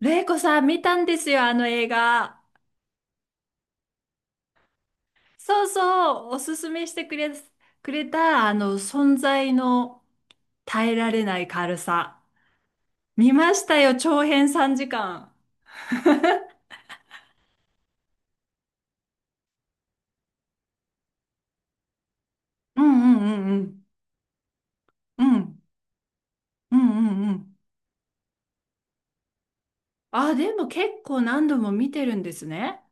レイコさん見たんですよ、あの映画。そうそう、おすすめしてくれた、存在の耐えられない軽さ。見ましたよ、長編3時間。うんうんうんうん。うんうんうんうん。あ、でも結構何度も見てるんですね。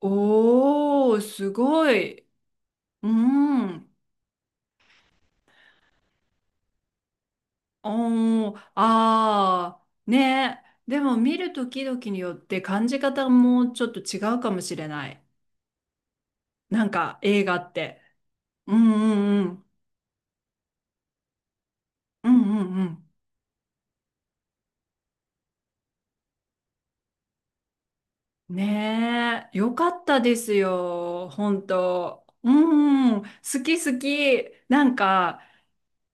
おー、すごい。うん。おー、あー、ね。でも見るときどきによって感じ方もちょっと違うかもしれない。なんか映画って。うんうんうん。うんうんうん。ねえ、よかったですよ。本当。うんうん。好き好き。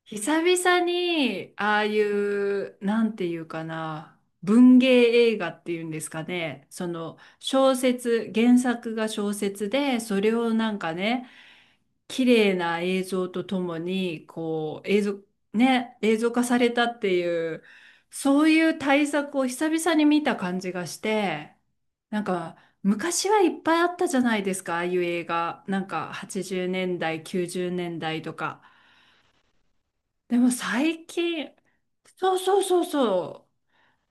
久々に、ああいう、なんていうかな、文芸映画っていうんですかね。その、小説、原作が小説で、それをなんかね、綺麗な映像とともに、こう、映像、ね、映像化されたっていう、そういう対策を久々に見た感じがして、なんか、昔はいっぱいあったじゃないですか、ああいう映画。なんか、80年代、90年代とか。でも最近、そうそうそうそ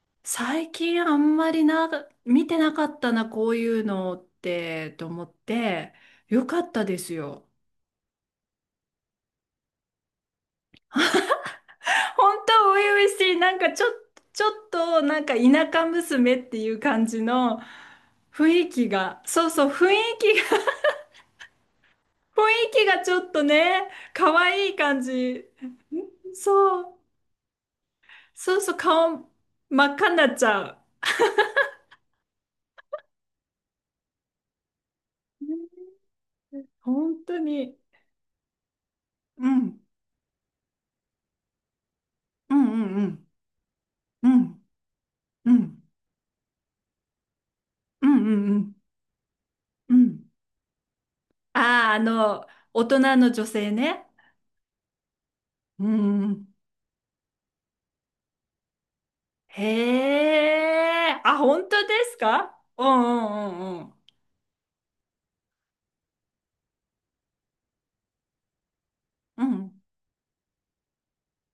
う、最近あんまりな、見てなかったな、こういうのって、と思って、よかったですよ。本当初々しい、ちょっとなんか田舎娘っていう感じの雰囲気が、そうそう、雰囲気が、雰囲気がちょっとね、可愛い感じ。んそう、そうそう、顔真っ赤になっちゃう。うん本当に。うん、うん、うん、うん、うん、うん、うん、うん、うん。ああ、大人の女性ね。うん。へえ、あ、本当ですかうんうんうんうん。うん。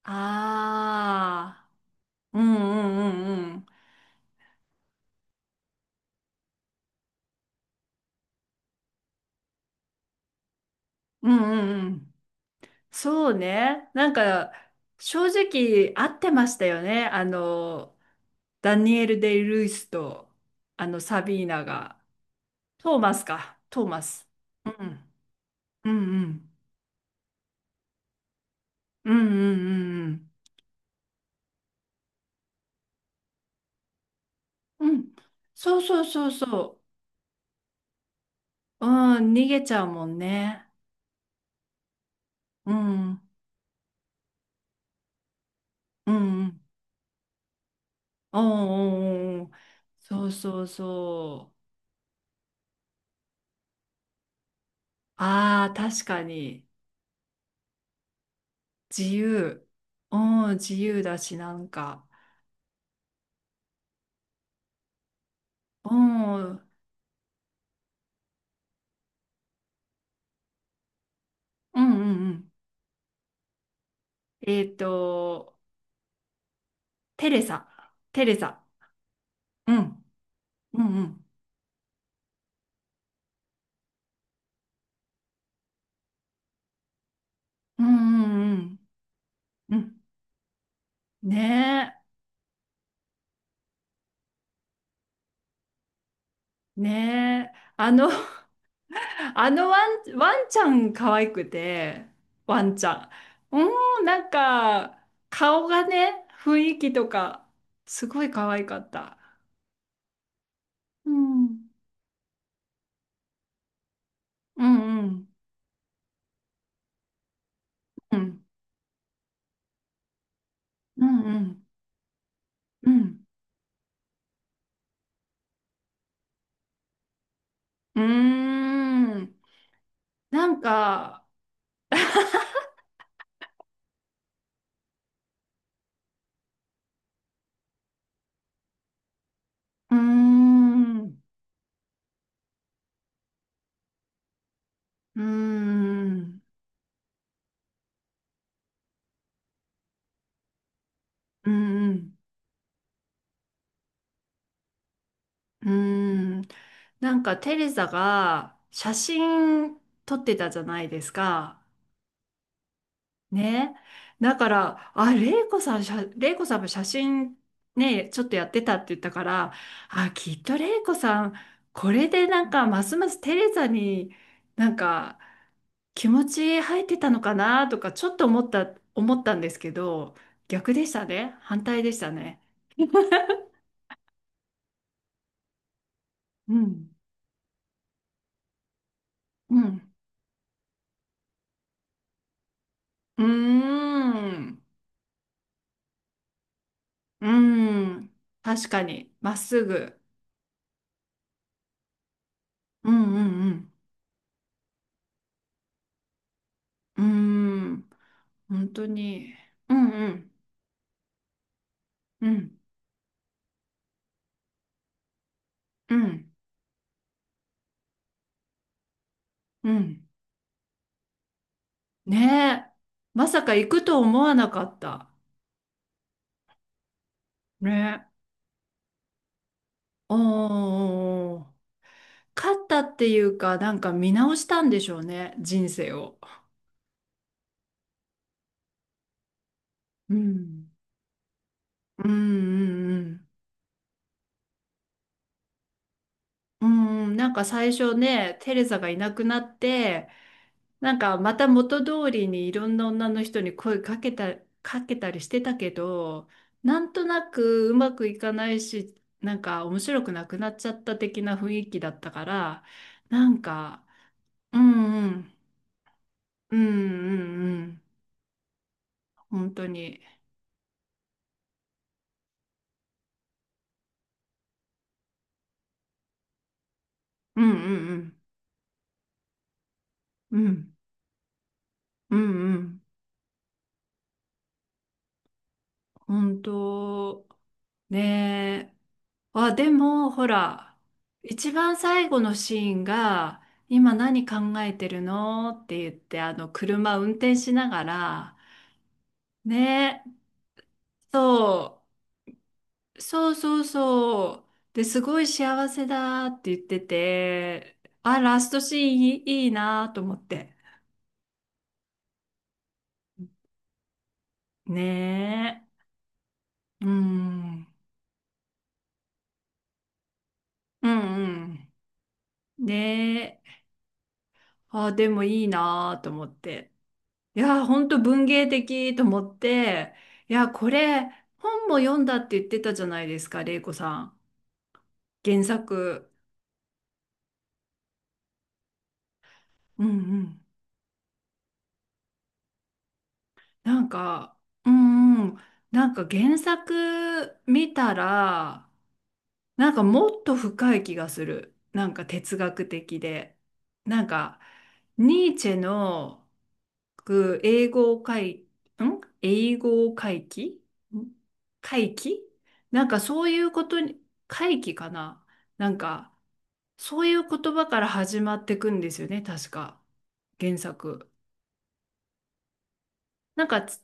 ああ、うんうんうんうん。うんうんうん。そうね。正直合ってましたよね。ダニエル・デイ・ルイスと、あの、サビーナが。トーマスか。トーマス。うん。うんうん。うんうんうんうん。うん。そうそうそうそう。うん、逃げちゃうもんね。うん。うんうんうんうんうんうん。そうそうそう。ああ、確かに。自由。うん、自由だし、なんか。うん、うんうんうん。えっと、テレサ。テレサ。うん。うんうん。うんうんうん。うんねえ。ねえ。あの、ワンちゃん可愛くて、ワンちゃん。うん、なんか、顔がね、雰囲気とか、すごい可愛かった。うん、うん、うん、うん、うん、うん、うん、うーん、なんか、うーん、うーん、うんうん、うーん、なんかテレサが写真撮ってたじゃないですか。ね。だから、あ、レイコさん、レイコさんも写真ね、ちょっとやってたって言ったから、あ、きっとレイコさん、これでなんか、ますますテレサに、なんか、気持ち入ってたのかなとかちょっと思ったんですけど、逆でしたね。反対でしたね。うん。うん。うーん。うーん。確かに、まっすぐ。うんうんうん。うーん。本当に。うんうんうん。うんうん。ねえ。まさか行くと思わなかった。ねえ。おー。勝ったっていうか、なんか見直したんでしょうね、人生を。うん。うんうんうん。うん、なんか最初ね、テレザがいなくなって、なんかまた元通りにいろんな女の人に声かけた、かけたりしてたけど、なんとなくうまくいかないし、なんか面白くなくなっちゃった的な雰囲気だったから、なんか、うんうん、うんうんうん、本当に、うんうんうん、うん、うんうん。本当、ねえ。あ、でも、ほら、一番最後のシーンが、今何考えてるのって言って、あの、車運転しながら、ねえ、そう、そうそうそう。で、すごい幸せだって言ってて、あ、ラストシーンいい、いいなと思って。ねえ、うん、うんうん。ねえ、あ、でもいいなと思って。いやー、ほんと文芸的と思って、いやー、これ、本も読んだって言ってたじゃないですか、玲子さん。原作。うんうん。なんか、うんうん。なんか原作見たら、なんかもっと深い気がする。なんか哲学的で。なんか、ニーチェの、く英語会、ん英語会議ん会議なんかそういうことに、会議かななんか、そういう言葉から始まってくんですよね、確か。原作。なんかち、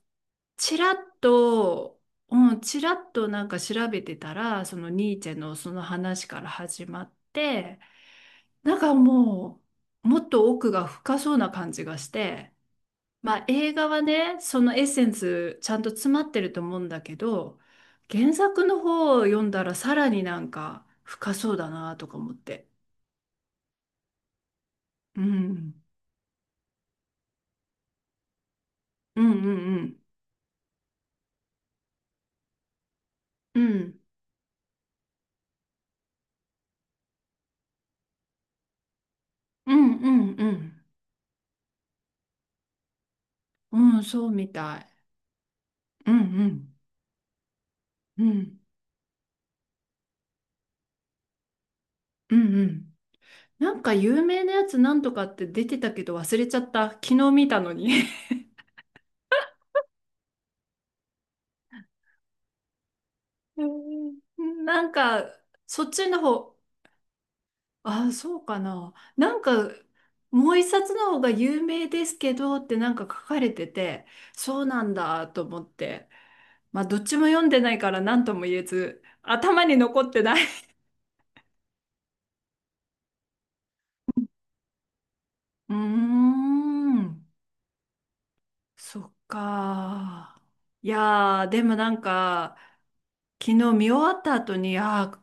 ちらっと、うん、ちらっとなんか調べてたら、そのニーチェのその話から始まって、なんかももっと奥が深そうな感じがして、まあ映画はね、そのエッセンスちゃんと詰まってると思うんだけど、原作の方を読んだらさらになんか深そうだなとか思って。うん。うんうんうん。うん。うんうんうん。うん、そうみたい。うんうん。うん。うんうん。なんか有名なやつなんとかって出てたけど忘れちゃった。昨日見たのに。うんなんか、そっちの方、あ、そうかな。なんか、もう一冊の方が有名ですけどってなんか書かれてて、そうなんだと思って。まあ、どっちも読んでないから何とも言えず、頭に残ってない。うーん、そっか。いやー、でもなんか、昨日見終わった後に、あー、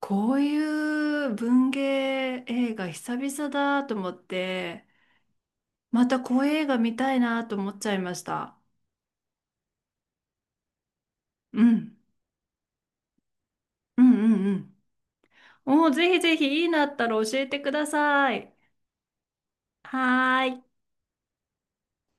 こういう文芸映画久々だと思って、またこういう映画見たいなと思っちゃいました。うん。うんうんうん。おー、ぜひぜひいいなったら教えてください。はーい。